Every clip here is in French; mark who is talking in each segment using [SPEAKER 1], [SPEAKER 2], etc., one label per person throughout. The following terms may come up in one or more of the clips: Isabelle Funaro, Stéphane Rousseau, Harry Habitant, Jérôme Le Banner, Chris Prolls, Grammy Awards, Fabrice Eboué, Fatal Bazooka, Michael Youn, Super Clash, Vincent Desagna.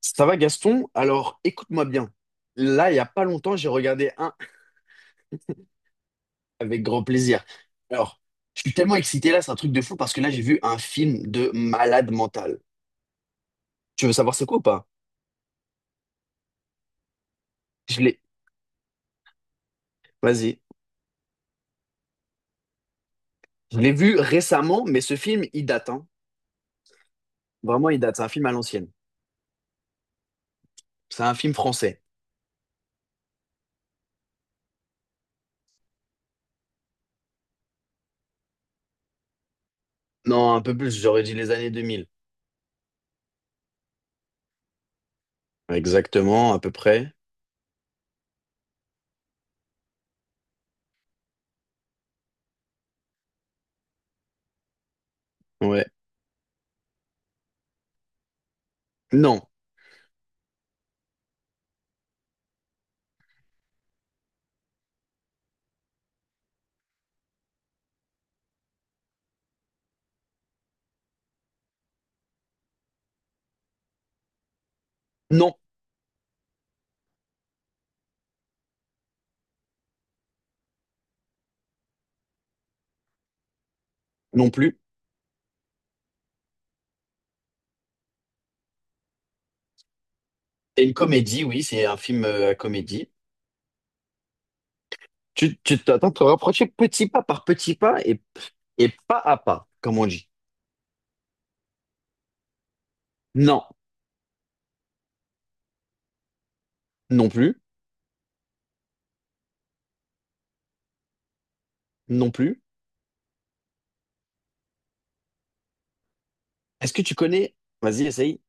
[SPEAKER 1] Ça va Gaston? Alors écoute-moi bien. Là, il n'y a pas longtemps, j'ai regardé un avec grand plaisir. Alors, je suis tellement excité là, c'est un truc de fou parce que là, j'ai vu un film de malade mental. Tu veux savoir c'est quoi ou pas? Je l'ai, vas-y. Je l'ai vu récemment, mais ce film, il date, hein. Vraiment, il date. C'est un film à l'ancienne. C'est un film français. Non, un peu plus, j'aurais dit les années 2000. Exactement, à peu près. Ouais. Non, non, non plus. C'est une comédie, oui, c'est un film à comédie. Tu t'attends de te rapprocher petit pas par petit pas et, et pas à pas, comme on dit. Non, non plus, non plus. Est-ce que tu connais, vas-y, essaye,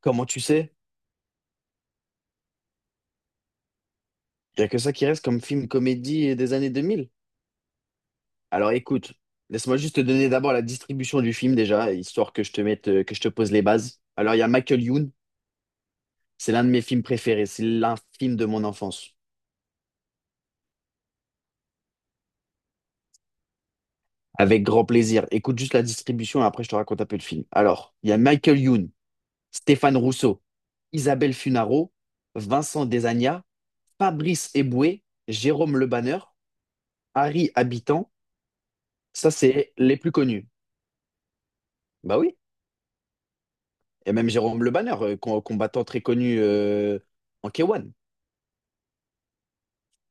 [SPEAKER 1] comment tu sais? Il n'y a que ça qui reste comme film comédie des années 2000. Alors écoute, laisse-moi juste te donner d'abord la distribution du film déjà, histoire que je te mette, que je te pose les bases. Alors il y a Michael Youn, c'est l'un de mes films préférés, c'est l'un film de mon enfance. Avec grand plaisir. Écoute juste la distribution et après je te raconte un peu le film. Alors, il y a Michael Youn, Stéphane Rousseau, Isabelle Funaro, Vincent Desagna, Fabrice Eboué, Jérôme Le Banner, Harry Habitant, ça c'est les plus connus. Bah oui, et même Jérôme Le Banner, combattant très connu en K1.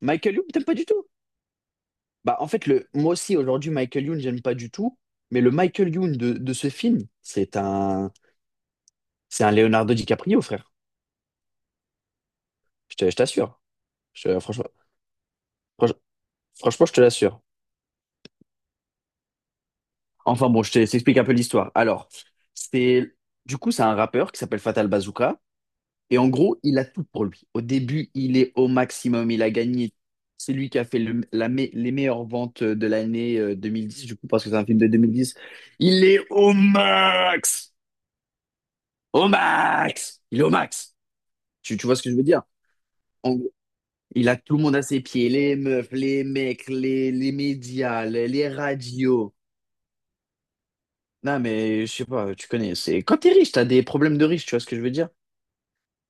[SPEAKER 1] Michael Youn, t'aimes pas du tout? Bah en fait, moi aussi aujourd'hui, Michael Youn, j'aime pas du tout, mais le Michael Youn de ce film, c'est un Leonardo DiCaprio, frère. Je t'assure. Je- Franchement, franch- franchement, je te l'assure. Enfin bon, je t'explique un peu l'histoire. Alors, c'est du coup, c'est un rappeur qui s'appelle Fatal Bazooka. Et en gros, il a tout pour lui. Au début, il est au maximum, il a gagné. C'est lui qui a fait les meilleures ventes de l'année 2010, du coup, parce que c'est un film de 2010. Il est au max! Au max! Il est au max! Tu vois ce que je veux dire? En gros, il a tout le monde à ses pieds, les meufs, les mecs, les médias, les radios. Non, mais je sais pas, tu connais. C'est quand t'es riche, t'as des problèmes de riche, tu vois ce que je veux dire?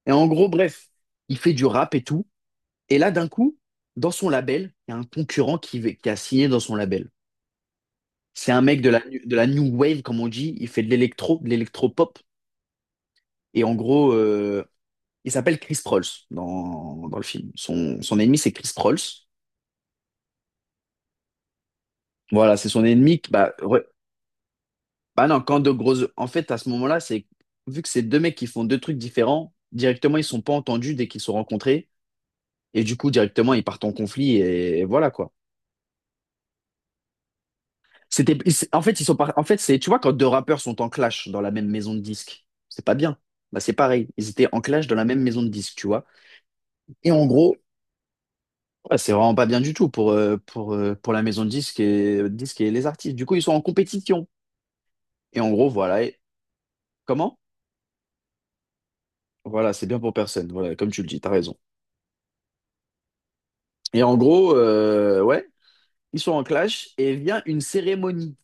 [SPEAKER 1] Et en gros, bref, il fait du rap et tout. Et là, d'un coup, dans son label, il y a un concurrent qui a signé dans son label. C'est un mec de la new wave, comme on dit. Il fait de l'électro, de l'électro-pop. Et en gros, il s'appelle Chris Prolls dans le film. Son ennemi, c'est Chris Prolls. Voilà, c'est son ennemi. Bah, ouais. Bah non, quand de grosses. En fait, à ce moment-là, c'est vu que c'est deux mecs qui font deux trucs différents, directement, ils sont pas entendus dès qu'ils se sont rencontrés. Et du coup, directement, ils partent en conflit et voilà quoi. En fait, en fait, c'est, tu vois, quand deux rappeurs sont en clash dans la même maison de disques, c'est pas bien. Bah, c'est pareil. Ils étaient en clash dans la même maison de disques, tu vois. Et en gros, ouais, c'est vraiment pas bien du tout pour, pour la maison de disques et les artistes. Du coup, ils sont en compétition. Et en gros, voilà. Et comment? Voilà, c'est bien pour personne. Voilà, comme tu le dis, t'as raison. Et en gros, ouais, ils sont en clash et vient une cérémonie.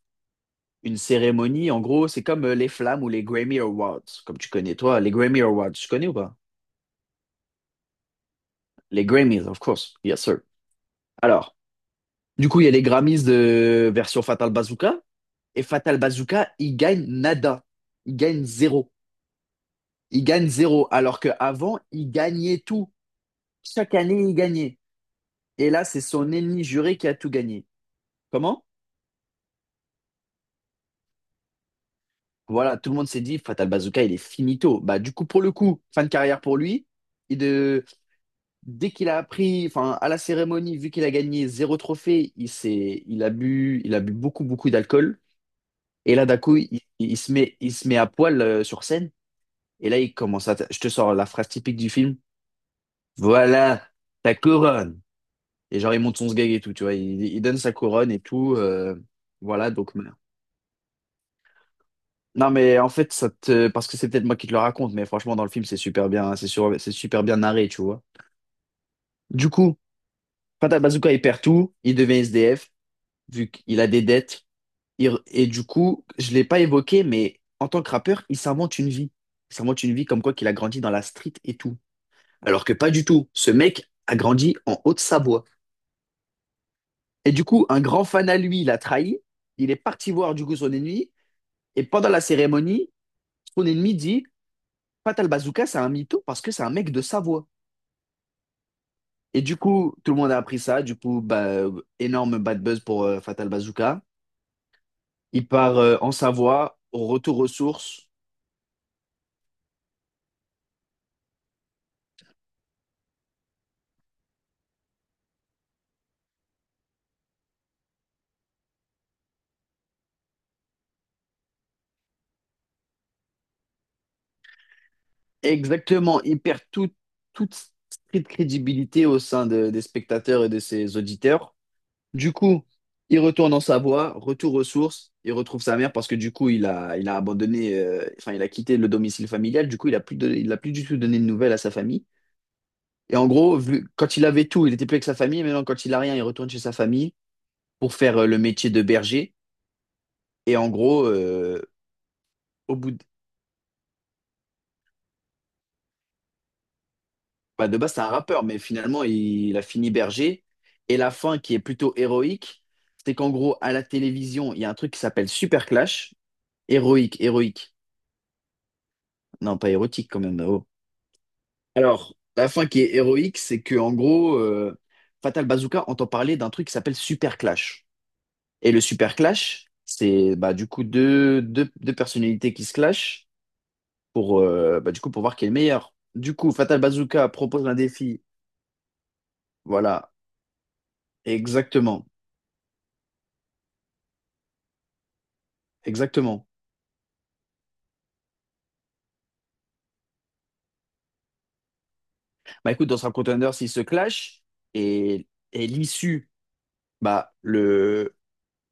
[SPEAKER 1] Une cérémonie. En gros, c'est comme les flammes ou les Grammy Awards, comme tu connais toi. Les Grammy Awards, tu connais ou pas? Les Grammys, of course. Yes, sir. Alors, du coup, il y a les Grammys de version Fatal Bazooka. Et Fatal Bazooka, il gagne nada. Il gagne zéro. Il gagne zéro. Alors qu'avant, il gagnait tout. Chaque année, il gagnait. Et là, c'est son ennemi juré qui a tout gagné. Comment? Voilà, tout le monde s'est dit, Fatal Bazooka, il est finito. Bah, du coup, pour le coup, fin de carrière pour lui. Dès qu'il a appris, enfin, à la cérémonie, vu qu'il a gagné zéro trophée, il a bu beaucoup, beaucoup d'alcool. Et là, d'un coup, il se met à poil sur scène. Et là, il commence à, je te sors la phrase typique du film. Voilà ta couronne. Et genre, il monte son sgeg et tout, tu vois. Il donne sa couronne et tout. Voilà, donc. Non, mais en fait, parce que c'est peut-être moi qui te le raconte, mais franchement, dans le film, c'est super bien, hein, c'est super bien narré, tu vois. Du coup, Fatal Bazooka, il perd tout. Il devient SDF, vu qu'il a des dettes. Et du coup, je l'ai pas évoqué, mais en tant que rappeur, il s'invente une vie. Il s'invente une vie comme quoi qu'il a grandi dans la street et tout. Alors que pas du tout. Ce mec a grandi en Haute-Savoie. Et du coup, un grand fan à lui l'a trahi. Il est parti voir du coup son ennemi. Et pendant la cérémonie, son ennemi dit, Fatal Bazooka, c'est un mytho parce que c'est un mec de Savoie. Et du coup, tout le monde a appris ça. Du coup, bah, énorme bad buzz pour Fatal Bazooka. Il part en Savoie, au retour aux sources. Exactement, il perd toute street crédibilité au sein des spectateurs et de ses auditeurs. Du coup, il retourne en Savoie, retour aux sources, il retrouve sa mère parce que du coup, il a abandonné, enfin, il a quitté le domicile familial, du coup, il a plus du tout donné de nouvelles à sa famille. Et en gros, quand il avait tout, il était plus avec sa famille, maintenant, quand il a rien, il retourne chez sa famille pour faire le métier de berger. Et en gros, au bout, bah, de base, c'est un rappeur, mais finalement, il a fini berger. Et la fin, qui est plutôt héroïque, c'est qu'en gros, à la télévision, il y a un truc qui s'appelle Super Clash. Héroïque, héroïque. Non, pas érotique quand même. Oh. Alors, la fin qui est héroïque, c'est que en gros, Fatal Bazooka entend parler d'un truc qui s'appelle Super Clash. Et le Super Clash, c'est bah, du coup deux personnalités qui se clashent bah, du coup, pour voir qui est le meilleur. Du coup, Fatal Bazooka propose un défi. Voilà, exactement. Exactement. Bah écoute, dans un contender, s'ils se clashent et, et l'issue, bah le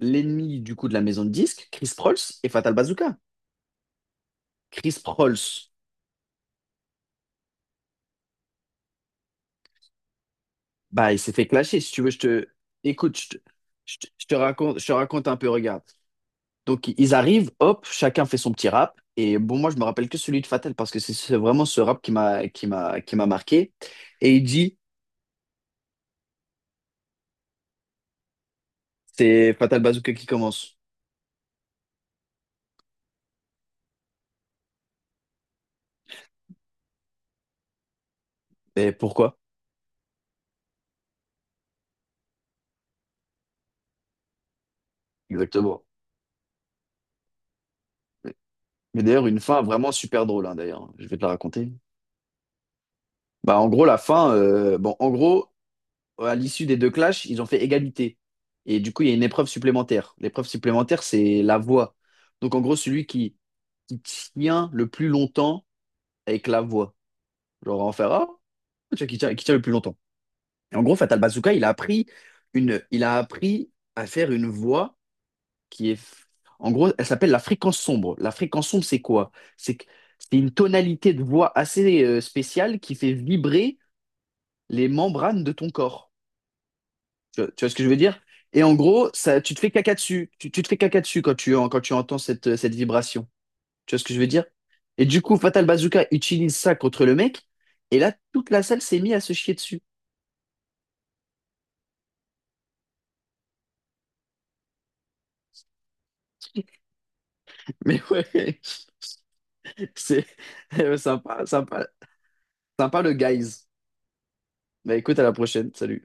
[SPEAKER 1] l'ennemi du coup de la maison de disques, Chris Prolls et Fatal Bazooka. Chris Prolls, bah il s'est fait clasher. Si tu veux, je te écoute, je te, je te- je te raconte un peu. Regarde. Donc ils arrivent, hop, chacun fait son petit rap. Et bon, moi je me rappelle que celui de Fatal parce que c'est vraiment ce rap qui m'a marqué. Et il dit, c'est Fatal Bazooka qui commence. Et pourquoi? Exactement. Mais d'ailleurs, une fin vraiment super drôle, hein, d'ailleurs. Je vais te la raconter. Bah, en gros, la fin, bon, en gros, à l'issue des deux clashs, ils ont fait égalité. Et du coup, il y a une épreuve supplémentaire. L'épreuve supplémentaire, c'est la voix. Donc, en gros, celui qui tient le plus longtemps avec la voix. Genre, en faire, ah, tu vois, qui tient le plus longtemps. Et en gros, Fatal Bazooka, il a appris il a appris à faire une voix qui est, en gros, elle s'appelle la fréquence sombre. La fréquence sombre, c'est quoi? C'est que- c'est une tonalité de voix assez spéciale qui fait vibrer les membranes de ton corps. Tu vois ce que je veux dire? Et en gros, ça, tu te fais caca dessus. Tu te fais caca dessus quand tu entends cette vibration. Tu vois ce que je veux dire? Et du coup, Fatal Bazooka utilise ça contre le mec. Et là, toute la salle s'est mise à se chier dessus. Mais ouais, c'est sympa, sympa, sympa le guys. Bah écoute, à la prochaine. Salut.